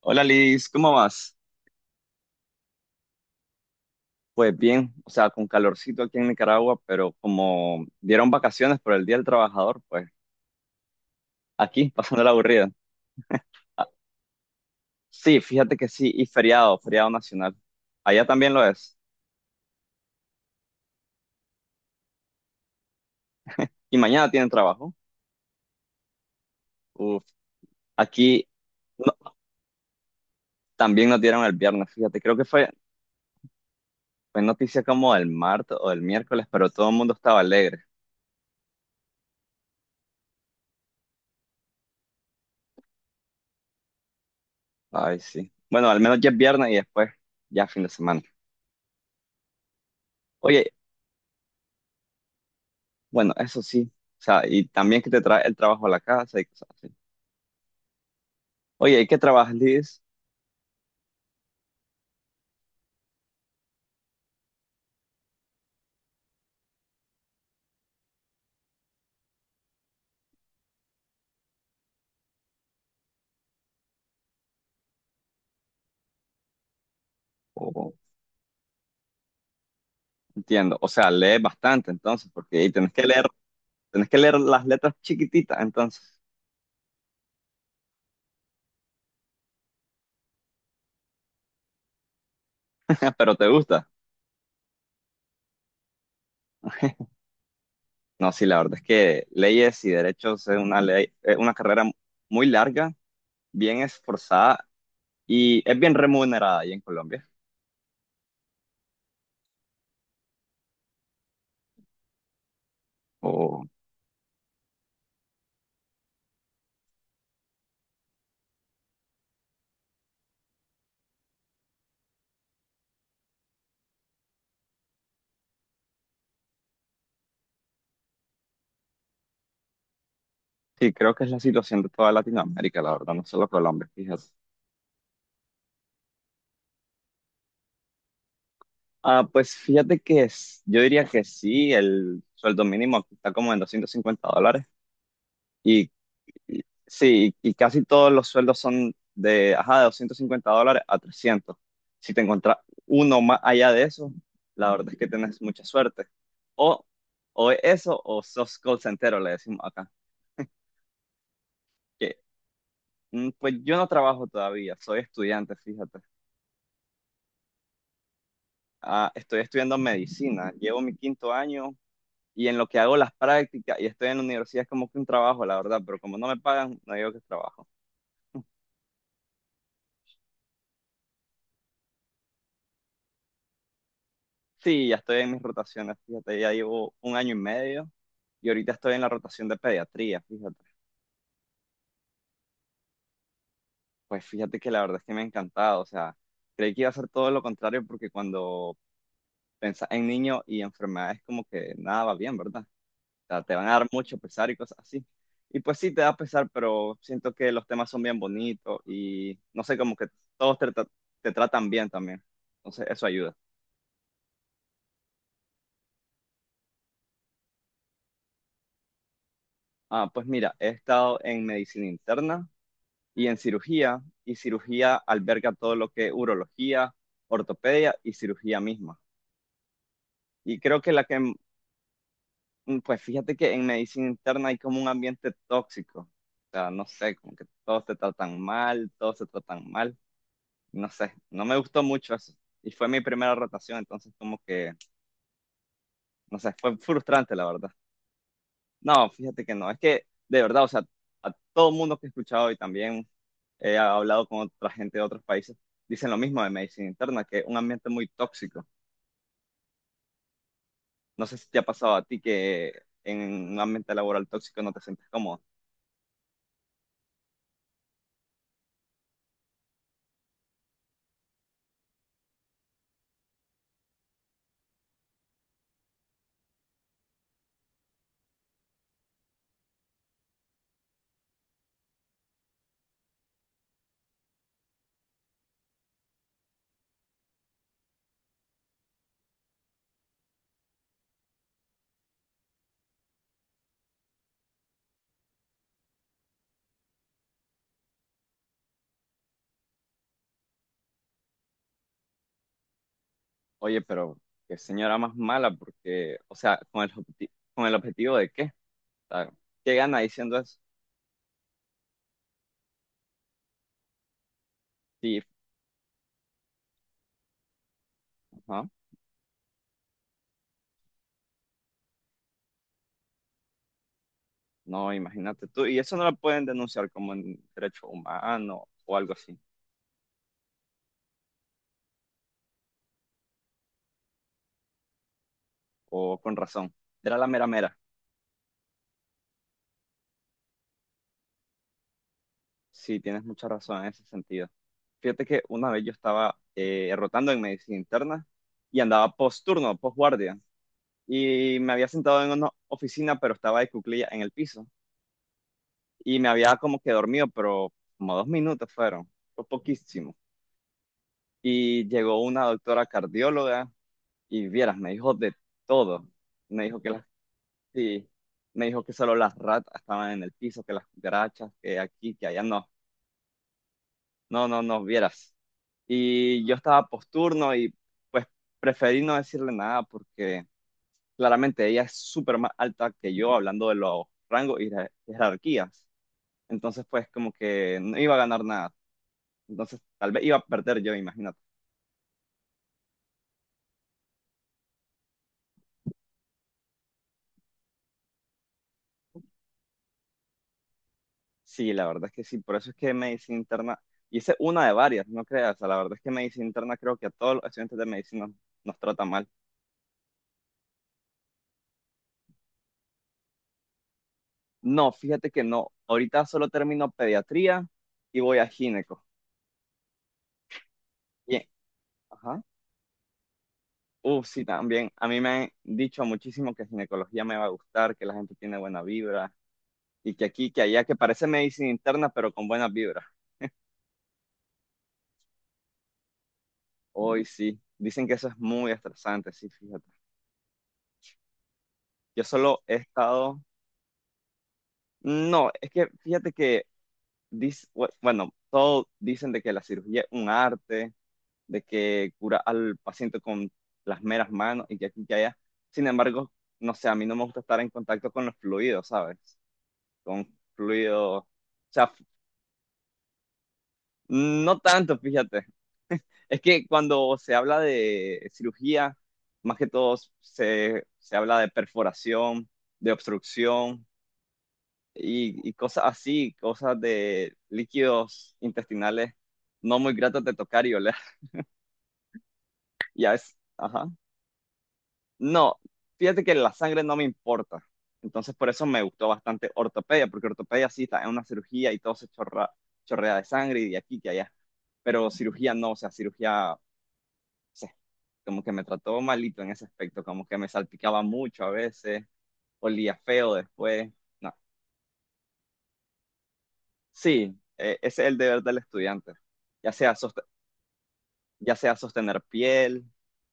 Hola Liz, ¿cómo vas? Pues bien, o sea, con calorcito aquí en Nicaragua, pero como dieron vacaciones por el Día del Trabajador, pues aquí, pasando la aburrida. Ah, sí, fíjate que sí, y feriado, feriado nacional. Allá también lo es. Y mañana tienen trabajo. Uf, aquí no- también nos dieron el viernes, fíjate, creo que fue noticia como el martes o el miércoles, pero todo el mundo estaba alegre. Ay, sí. Bueno, al menos ya es viernes y después ya fin de semana. Oye, bueno, eso sí. O sea, y también que te trae el trabajo a la casa y cosas así. Oye, ¿y qué trabajas, Liz? O- Entiendo. O sea, lees bastante entonces, porque ahí tenés que leer las letras chiquititas entonces. Pero te gusta. No, sí, la verdad es que leyes y derechos es una ley, es una carrera muy larga, bien esforzada y es bien remunerada ahí en Colombia. O sí, creo que es la situación de toda Latinoamérica, la verdad, no solo Colombia, fíjate. Ah, pues fíjate que yo diría que sí, el sueldo mínimo aquí está como en 250 dólares y, y- sí, y, casi todos los sueldos son ajá, de 250 dólares a 300. Si te encuentras uno más allá de eso, la verdad es que tenés mucha suerte. O, o es eso o sos call centero, le decimos acá. Que, pues yo no trabajo todavía, soy estudiante, fíjate. Ah, estoy estudiando medicina, llevo mi quinto año y en lo que hago las prácticas y estoy en la universidad es como que un trabajo, la verdad, pero como no me pagan, no digo que es trabajo. Sí, ya estoy en mis rotaciones, fíjate, ya llevo un año y medio y ahorita estoy en la rotación de pediatría, fíjate. Pues fíjate que la verdad es que me ha encantado, o sea, creí que iba a ser todo lo contrario porque cuando pensás en niños y enfermedades como que nada va bien, ¿verdad? Sea, te van a dar mucho pesar y cosas así. Y pues sí, te da pesar, pero siento que los temas son bien bonitos y no sé, como que todos te tratan bien también. Entonces, eso ayuda. Ah, pues mira, he estado en medicina interna y en cirugía, y cirugía alberga todo lo que es urología, ortopedia y cirugía misma. Y creo que la que, mm, pues fíjate que en medicina interna hay como un ambiente tóxico. O sea, no sé, como que todos te tratan mal, todos se tratan mal, no sé, no me gustó mucho eso. Y fue mi primera rotación, entonces como que, no sé, fue frustrante la verdad. No, fíjate que no, es que de verdad, o sea, a todo el mundo que he escuchado y también he hablado con otra gente de otros países, dicen lo mismo de medicina interna, que es un ambiente muy tóxico. No sé si te ha pasado a ti que en un ambiente laboral tóxico no te sientes cómodo. Oye, pero qué señora más mala, porque, o sea, con el objetivo de qué. O sea, ¿qué gana diciendo eso? Sí, ajá. No, imagínate tú. Y eso no lo pueden denunciar como en derecho humano o algo así. O con razón. Era la mera mera. Sí, tienes mucha razón en ese sentido. Fíjate que una vez yo estaba rotando en medicina interna y andaba post turno, post guardia. Y me había sentado en una oficina, pero estaba de cuclilla en el piso. Y me había como que dormido, pero como 2 minutos fueron. Fue poquísimo. Y llegó una doctora cardióloga y vieras, me dijo de todo. Me dijo que las Sí, me dijo que solo las ratas estaban en el piso, que las cucarachas, que aquí, que allá no, no, no, no vieras. Y yo estaba posturno y pues preferí no decirle nada porque claramente ella es súper más alta que yo hablando de los rangos y jerarquías. Entonces pues como que no iba a ganar nada. Entonces tal vez iba a perder yo, imagínate. Sí, la verdad es que sí, por eso es que medicina interna, y esa es una de varias, no creas, o sea, la verdad es que medicina interna creo que a todos los estudiantes de medicina nos trata mal. No, fíjate que no. Ahorita solo termino pediatría y voy a gineco. Bien. Ajá. Sí, también. A mí me han dicho muchísimo que ginecología me va a gustar, que la gente tiene buena vibra y que aquí, que allá, que parece medicina interna, pero con buenas vibras. Hoy sí. Dicen que eso es muy estresante, sí, fíjate. Yo solo he estado... No, es que fíjate que, dis- bueno, todo dicen de que la cirugía es un arte de que cura al paciente con las meras manos y que aquí y que allá. Sin embargo, no sé, a mí no me gusta estar en contacto con los fluidos, ¿sabes? Con fluidos, o sea, no tanto, fíjate. Es que cuando se habla de cirugía, más que todo se habla de perforación, de obstrucción y cosas así, cosas de líquidos intestinales no muy gratos de tocar y oler. Ya es, ajá. No, fíjate que la sangre no me importa. Entonces por eso me gustó bastante ortopedia, porque ortopedia sí está en una cirugía y todo se chorrea de sangre y de aquí que allá. Pero cirugía no, o sea, cirugía, o sea, como que me trató malito en ese aspecto, como que me salpicaba mucho a veces, olía feo después. No. Sí, ese es el deber del estudiante, ya sea, sost- ya sea sostener piel,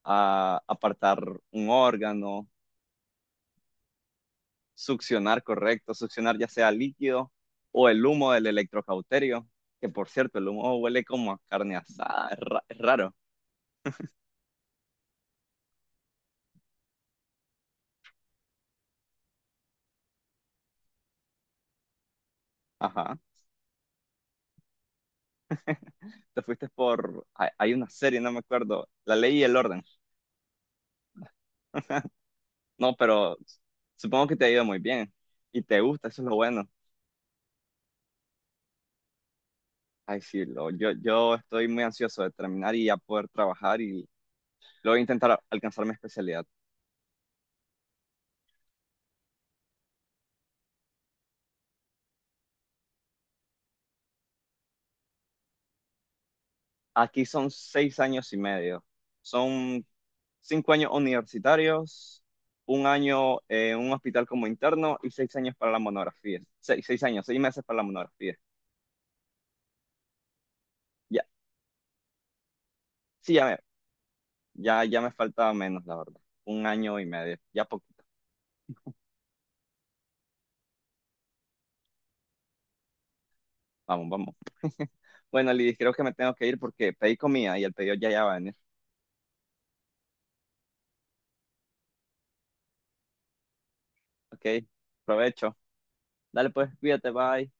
apartar un órgano. Succionar, correcto. Succionar ya sea líquido o el humo del electrocauterio, que por cierto, el humo huele como a carne asada, es raro. Ajá. Te fuiste por... Hay una serie, no me acuerdo. La ley y el orden. No, pero supongo que te ha ido muy bien y te gusta, eso es lo bueno. Ay, sí, yo estoy muy ansioso de terminar y ya poder trabajar y luego intentar alcanzar mi especialidad. Aquí son 6 años y medio. Son 5 años universitarios, un año en un hospital como interno y 6 años para la monografía. Seis años, 6 meses para la monografía. Ya, sí, ya me falta menos, la verdad. Un año y medio, ya poquito. Vamos, vamos. Bueno, Lidis, creo que me tengo que ir porque pedí comida y el pedido ya va a venir. Ok, provecho. Dale pues, cuídate, bye.